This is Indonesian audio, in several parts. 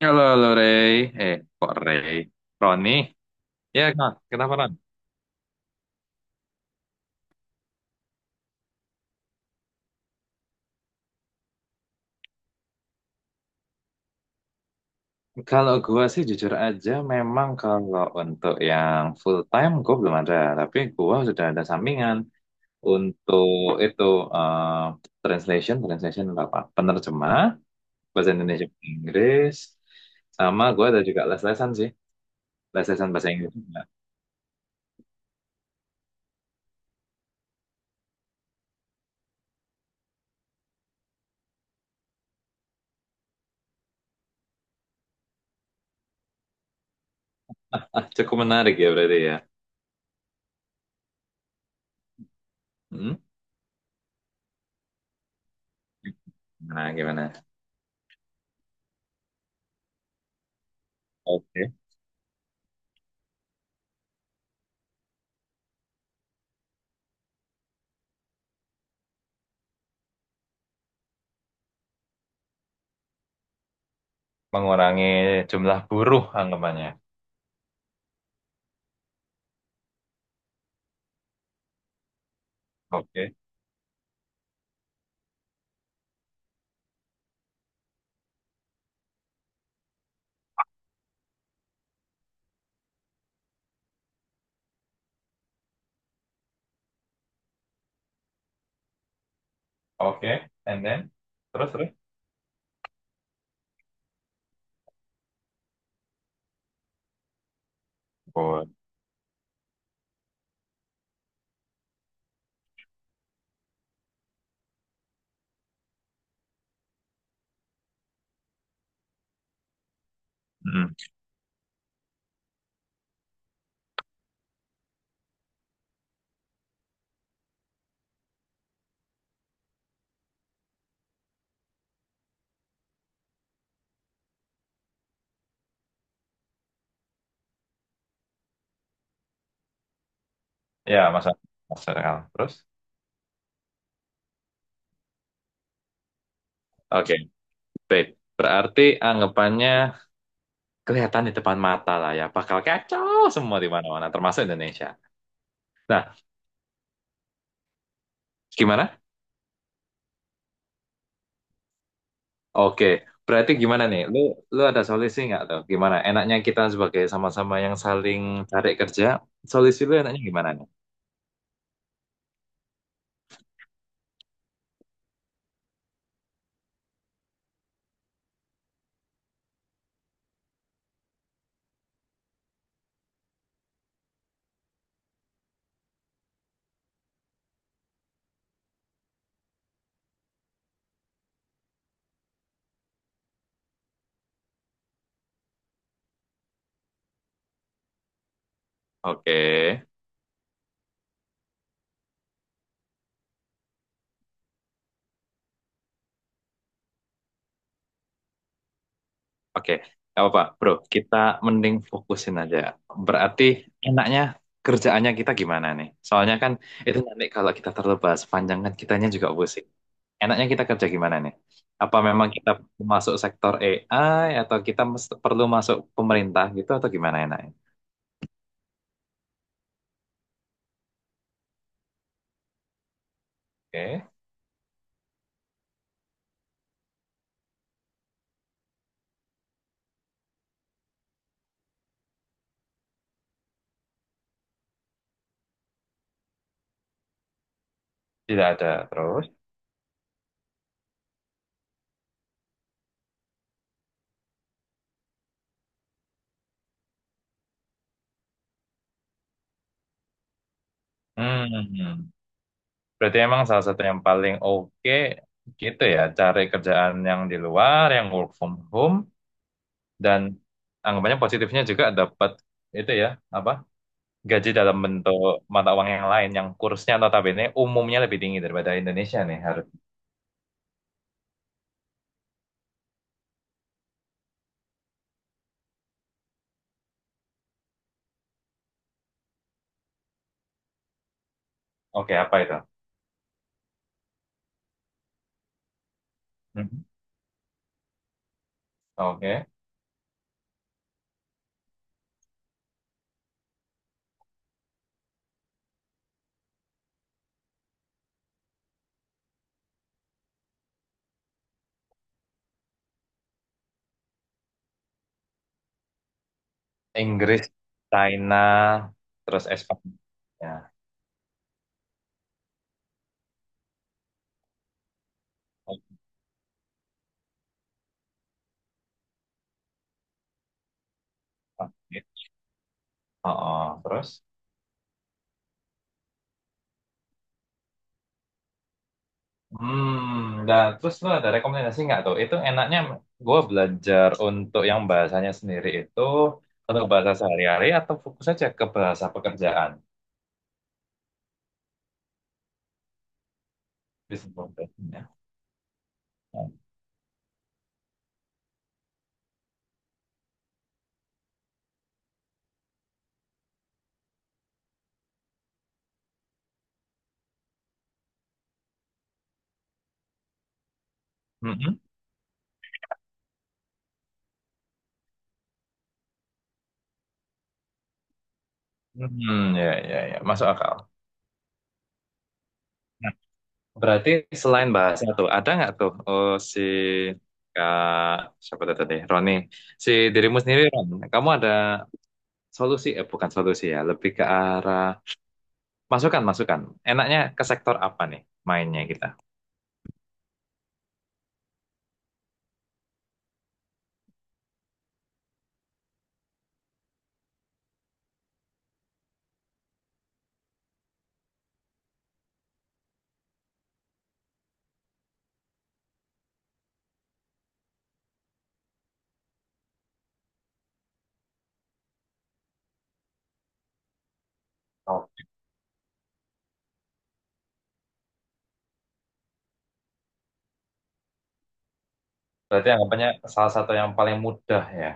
Halo, halo Rey. Eh, Kok Rey? Roni? Ya, Kak. Kenapa, Ron? Kalau gua sih jujur aja, memang kalau untuk yang full time gua belum ada. Tapi gua sudah ada sampingan untuk itu eh, translation untuk apa? Penerjemah, bahasa Indonesia ke Inggris, sama gua ada juga les-lesan sih. Les-lesan bahasa Inggris juga. Ah, cukup menarik ya berarti ya. Hmm? Nah, gimana? Oke. Mengurangi jumlah buruh anggapannya. Oke, oke, and then terus terus. Bon. Mm. Ya, masa masa akal. Terus. Oke, baik. Berarti anggapannya kelihatan di depan mata lah ya. Bakal kacau semua di mana-mana, termasuk Indonesia. Nah, gimana? Oke, berarti gimana nih? Lu ada solusi nggak tuh? Gimana? Enaknya kita sebagai sama-sama yang saling cari kerja, solusi lu enaknya gimana nih? Oke. Oke, nggak apa-apa, bro. Kita mending fokusin aja. Berarti enaknya kerjaannya kita gimana nih? Soalnya kan itu nanti kalau kita terlalu bahas panjang kan kitanya juga pusing. Enaknya kita kerja gimana nih? Apa memang kita masuk sektor AI atau kita perlu masuk pemerintah gitu atau gimana enaknya? Oke, tidak ada terus. Hmm, berarti emang salah satu yang paling oke gitu ya, cari kerjaan yang di luar, yang work from home, dan anggapannya positifnya juga dapat itu ya apa gaji dalam bentuk mata uang yang lain yang kursnya notabene umumnya lebih tinggi daripada Indonesia nih harus oke apa itu. Mhm. Oke. Inggris, China, terus Espanya, ya. Oke. Oh, oh, terus hmm nah terus lu ada rekomendasi nggak tuh itu enaknya gue belajar untuk yang bahasanya sendiri itu untuk bahasa sehari-hari atau fokus aja ke bahasa pekerjaan. Business profession, ya. Mhm. Hmm, ya, ya, ya, masuk akal. Nah, berarti selain bahasa tuh, ada nggak tuh oh, si Kak, siapa tuh tadi, Roni, si dirimu sendiri, Ron, kamu ada solusi, bukan solusi ya, lebih ke arah masukan. Enaknya ke sektor apa nih mainnya kita? Oh, berarti anggapannya salah satu yang paling mudah ya.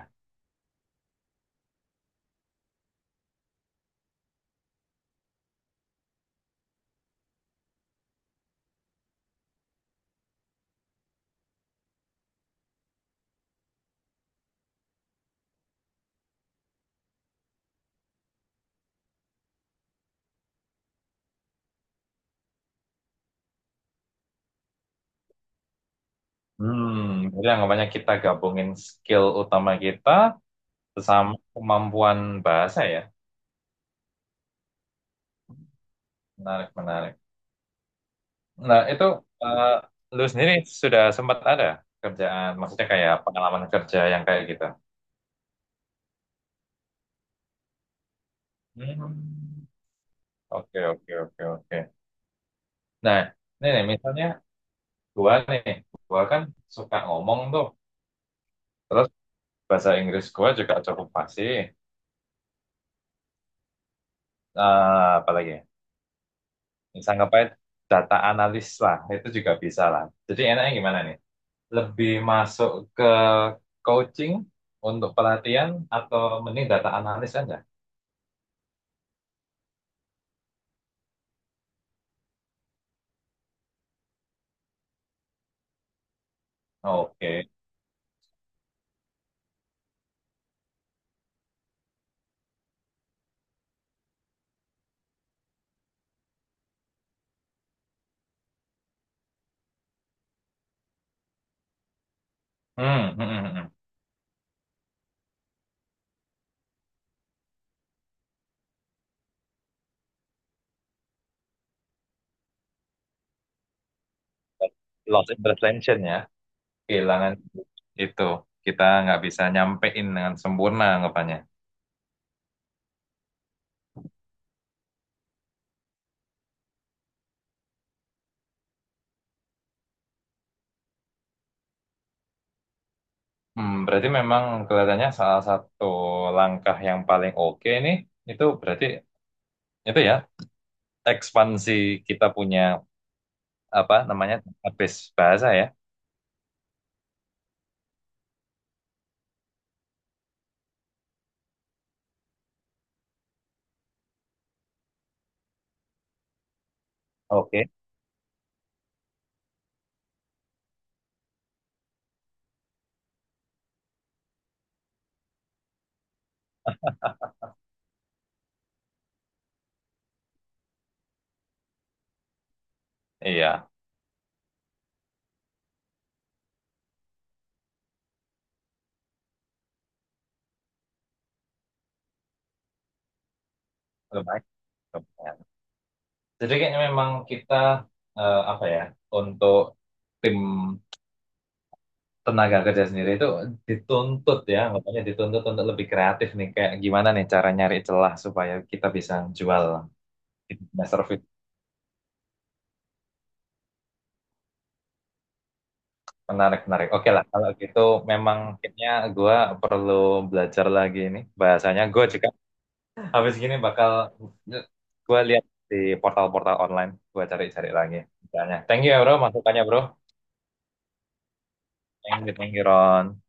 Hmm, berarti anggapannya kita gabungin skill utama kita bersama kemampuan bahasa ya. Menarik, menarik. Nah, itu eh, lu sendiri sudah sempat ada kerjaan, maksudnya kayak pengalaman kerja yang kayak gitu. Hmm. Oke, oke, oke, oke. Nah, ini nih, misalnya gua nih, gua kan suka ngomong tuh, terus bahasa Inggris gua juga cukup fasih. Apalagi, sanggapnya data analis lah, itu juga bisa lah. Jadi enaknya gimana nih? Lebih masuk ke coaching untuk pelatihan atau mending data analis aja? Oke. Hmm, hmm, hmm, hmm. Loss in translation ya, kehilangan itu kita nggak bisa nyampein dengan sempurna anggapannya. Hmm, berarti memang kelihatannya salah satu langkah yang paling oke nih itu berarti itu ya ekspansi kita punya apa namanya database bahasa ya. Oke. Iya, lumayan, lumayan. Jadi kayaknya memang kita apa ya, untuk tim tenaga kerja sendiri itu dituntut ya, makanya dituntut untuk lebih kreatif nih. Kayak gimana nih cara nyari celah supaya kita bisa jual. Nah, service menarik, menarik. Oke lah, kalau gitu memang kayaknya gue perlu belajar lagi nih bahasanya. Gue juga habis gini bakal gue lihat di portal-portal online, gue cari-cari lagi. Misalnya, thank you ya bro, masukannya bro. Thank you Ron.